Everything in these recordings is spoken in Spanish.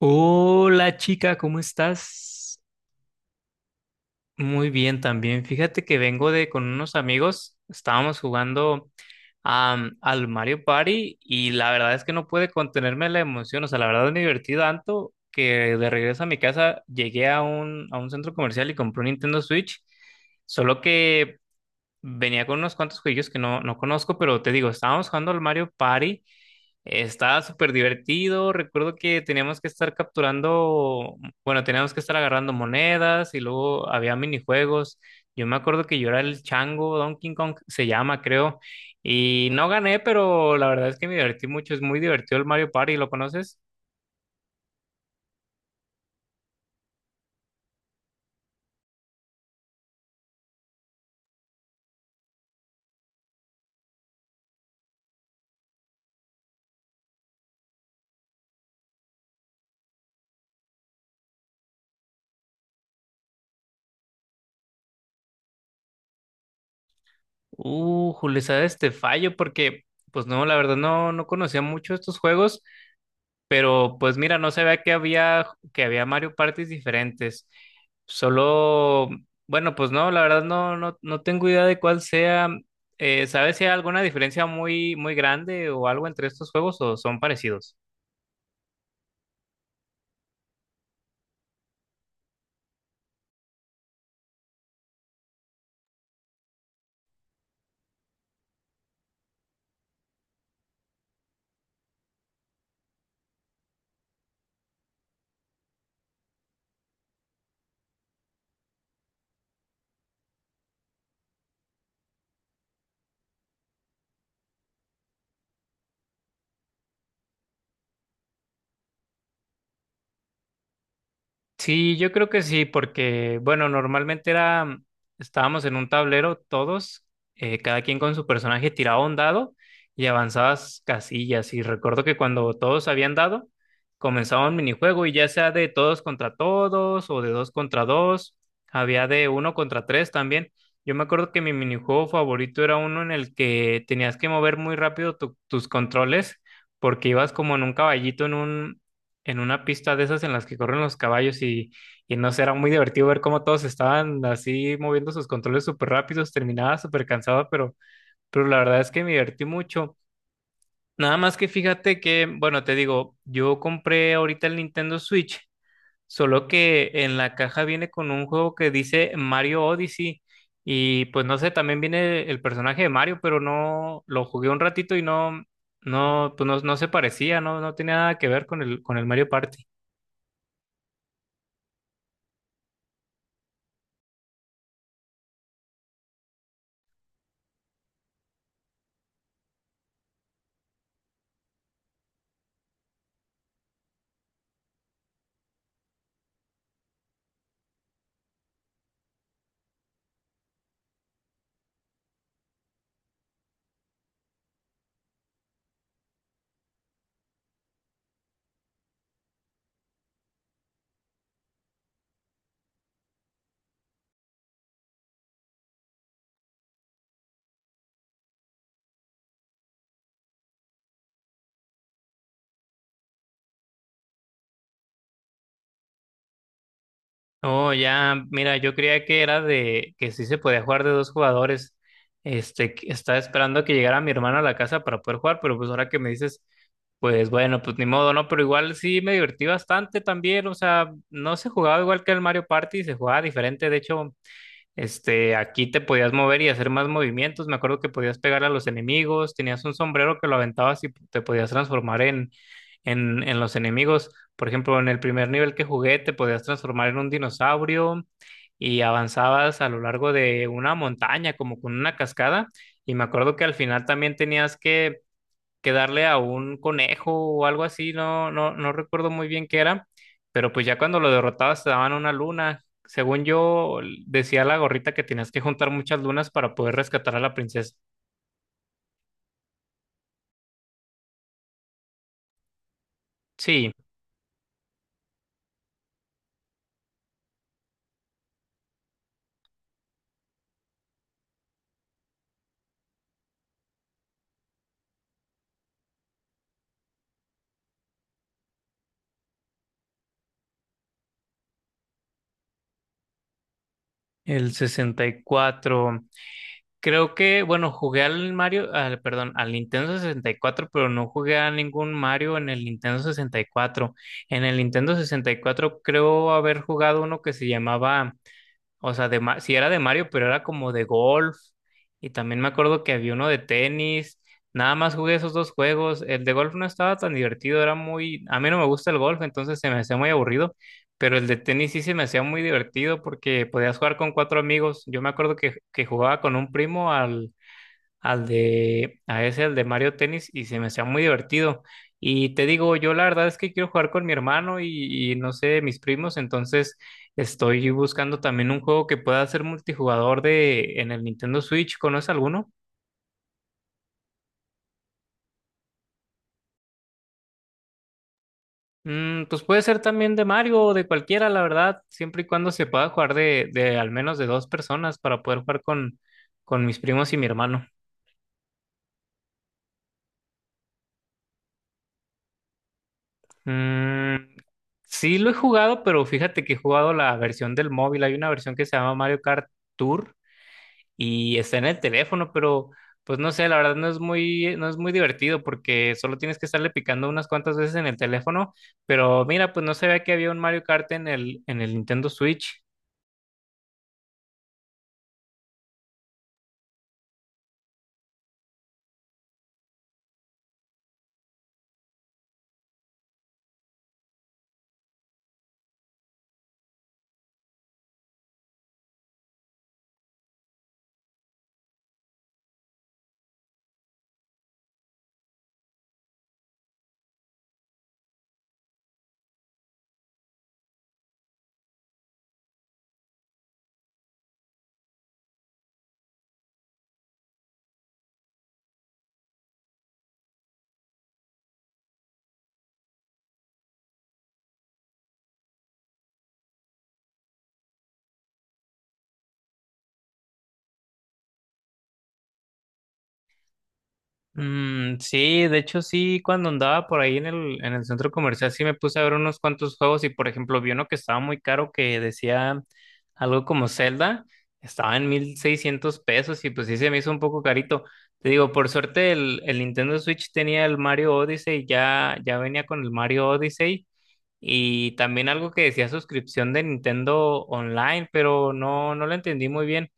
Hola chica, ¿cómo estás? Muy bien también. Fíjate que vengo de con unos amigos, estábamos jugando al Mario Party y la verdad es que no pude contenerme la emoción, o sea, la verdad me divertí tanto que de regreso a mi casa llegué a un centro comercial y compré un Nintendo Switch, solo que venía con unos cuantos juegos que no conozco, pero te digo, estábamos jugando al Mario Party. Estaba súper divertido. Recuerdo que teníamos que estar capturando, bueno, teníamos que estar agarrando monedas y luego había minijuegos. Yo me acuerdo que yo era el chango, Donkey Kong se llama, creo. Y no gané, pero la verdad es que me divertí mucho. Es muy divertido el Mario Party, ¿lo conoces? Julio, sabes, te fallo porque pues no, la verdad no conocía mucho estos juegos. Pero pues mira, no se ve que había Mario Parties diferentes. Solo, bueno, pues no, la verdad no tengo idea de cuál sea. ¿Sabes si hay alguna diferencia muy, muy grande o algo entre estos juegos o son parecidos? Sí, yo creo que sí, porque, bueno, normalmente era, estábamos en un tablero todos, cada quien con su personaje tiraba un dado y avanzabas casillas. Y recuerdo que cuando todos habían dado, comenzaba un minijuego y ya sea de todos contra todos o de dos contra dos, había de uno contra tres también. Yo me acuerdo que mi minijuego favorito era uno en el que tenías que mover muy rápido tus controles porque ibas como en un caballito en una pista de esas en las que corren los caballos y no sé, era muy divertido ver cómo todos estaban así moviendo sus controles súper rápidos, terminaba súper cansada, pero la verdad es que me divertí mucho. Nada más que fíjate que, bueno, te digo, yo compré ahorita el Nintendo Switch, solo que en la caja viene con un juego que dice Mario Odyssey y pues no sé, también viene el personaje de Mario, pero no, lo jugué un ratito y no, pues no se parecía, no tenía nada que ver con el, Mario Party. Oh, ya, mira, yo creía que era de que sí se podía jugar de dos jugadores. Este, que estaba esperando que llegara mi hermano a la casa para poder jugar, pero pues ahora que me dices, pues bueno, pues ni modo, ¿no? Pero igual sí me divertí bastante también, o sea, no se jugaba igual que el Mario Party, se jugaba diferente, de hecho. Este, aquí te podías mover y hacer más movimientos. Me acuerdo que podías pegar a los enemigos, tenías un sombrero que lo aventabas y te podías transformar en los enemigos. Por ejemplo, en el primer nivel que jugué, te podías transformar en un dinosaurio y avanzabas a lo largo de una montaña, como con una cascada. Y me acuerdo que al final también tenías que darle a un conejo o algo así, no recuerdo muy bien qué era, pero pues ya cuando lo derrotabas te daban una luna. Según yo, decía la gorrita que tenías que juntar muchas lunas para poder rescatar a la princesa. Sí, el 64. Creo que, bueno, jugué al Mario, al, perdón, al Nintendo 64, pero no jugué a ningún Mario en el Nintendo 64. En el Nintendo 64 creo haber jugado uno que se llamaba. O sea, sí era de Mario, pero era como de golf. Y también me acuerdo que había uno de tenis. Nada más jugué esos dos juegos. El de golf no estaba tan divertido, era muy. A mí no me gusta el golf, entonces se me hacía muy aburrido. Pero el de tenis sí se me hacía muy divertido porque podías jugar con cuatro amigos. Yo me acuerdo que jugaba con un primo al de, a ese, al de Mario Tennis, y se me hacía muy divertido. Y te digo, yo la verdad es que quiero jugar con mi hermano y no sé, mis primos, entonces estoy buscando también un juego que pueda ser multijugador en el Nintendo Switch. ¿Conoces alguno? Pues puede ser también de Mario o de cualquiera, la verdad, siempre y cuando se pueda jugar de al menos de dos personas para poder jugar con mis primos y mi hermano. Mm, sí lo he jugado, pero fíjate que he jugado la versión del móvil. Hay una versión que se llama Mario Kart Tour y está en el teléfono, pero pues no sé, la verdad no es muy divertido porque solo tienes que estarle picando unas cuantas veces en el teléfono. Pero mira, pues no sabía que había un Mario Kart en el, Nintendo Switch. Mm, sí, de hecho sí, cuando andaba por ahí en el, centro comercial sí me puse a ver unos cuantos juegos y por ejemplo vi uno que estaba muy caro que decía algo como Zelda, estaba en 1,600 pesos y pues sí se me hizo un poco carito. Te digo, por suerte el, Nintendo Switch tenía el Mario Odyssey, ya, ya venía con el Mario Odyssey y también algo que decía suscripción de Nintendo Online, pero no lo entendí muy bien.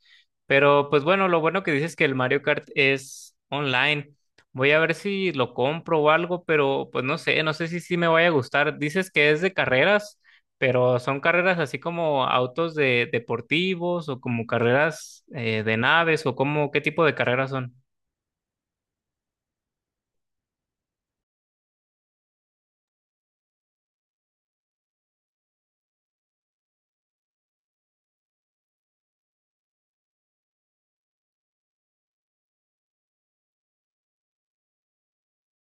Pero pues bueno, lo bueno que dices es que el Mario Kart es online. Voy a ver si lo compro o algo, pero pues no sé, si sí me vaya a gustar. Dices que es de carreras, pero son carreras así como autos de deportivos o como carreras de naves o como qué tipo de carreras son.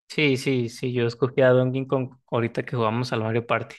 Sí, sí, sí, yo escogí a Donkey Kong ahorita que jugamos al Mario Party.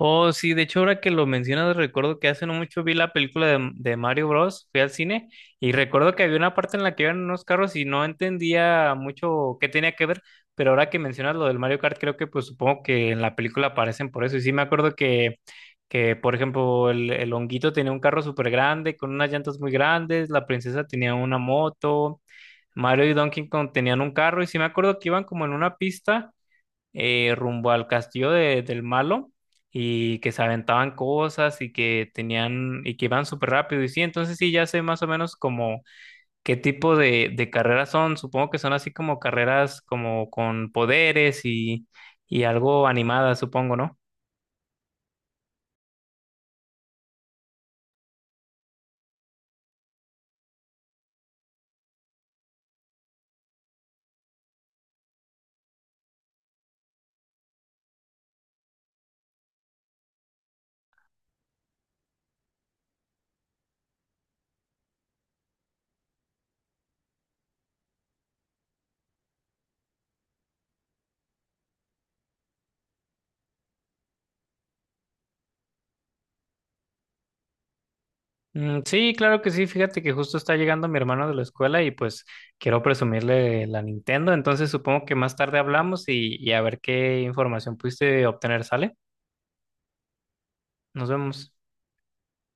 Oh, sí, de hecho, ahora que lo mencionas, recuerdo que hace no mucho vi la película de Mario Bros. Fui al cine y recuerdo que había una parte en la que iban unos carros y no entendía mucho qué tenía que ver, pero ahora que mencionas lo del Mario Kart, creo que pues supongo que en la película aparecen por eso. Y sí, me acuerdo que por ejemplo, el, honguito tenía un carro súper grande, con unas llantas muy grandes, la princesa tenía una moto, Mario y Donkey Kong tenían un carro, y sí me acuerdo que iban como en una pista rumbo al castillo del malo y que se aventaban cosas y que tenían y que iban súper rápido. Y sí, entonces sí, ya sé más o menos como qué tipo de carreras son. Supongo que son así como carreras como con poderes y algo animadas, supongo, ¿no? Mm, sí, claro que sí. Fíjate que justo está llegando mi hermano de la escuela y pues quiero presumirle la Nintendo. Entonces supongo que más tarde hablamos y a ver qué información pudiste obtener, ¿sale? Nos vemos.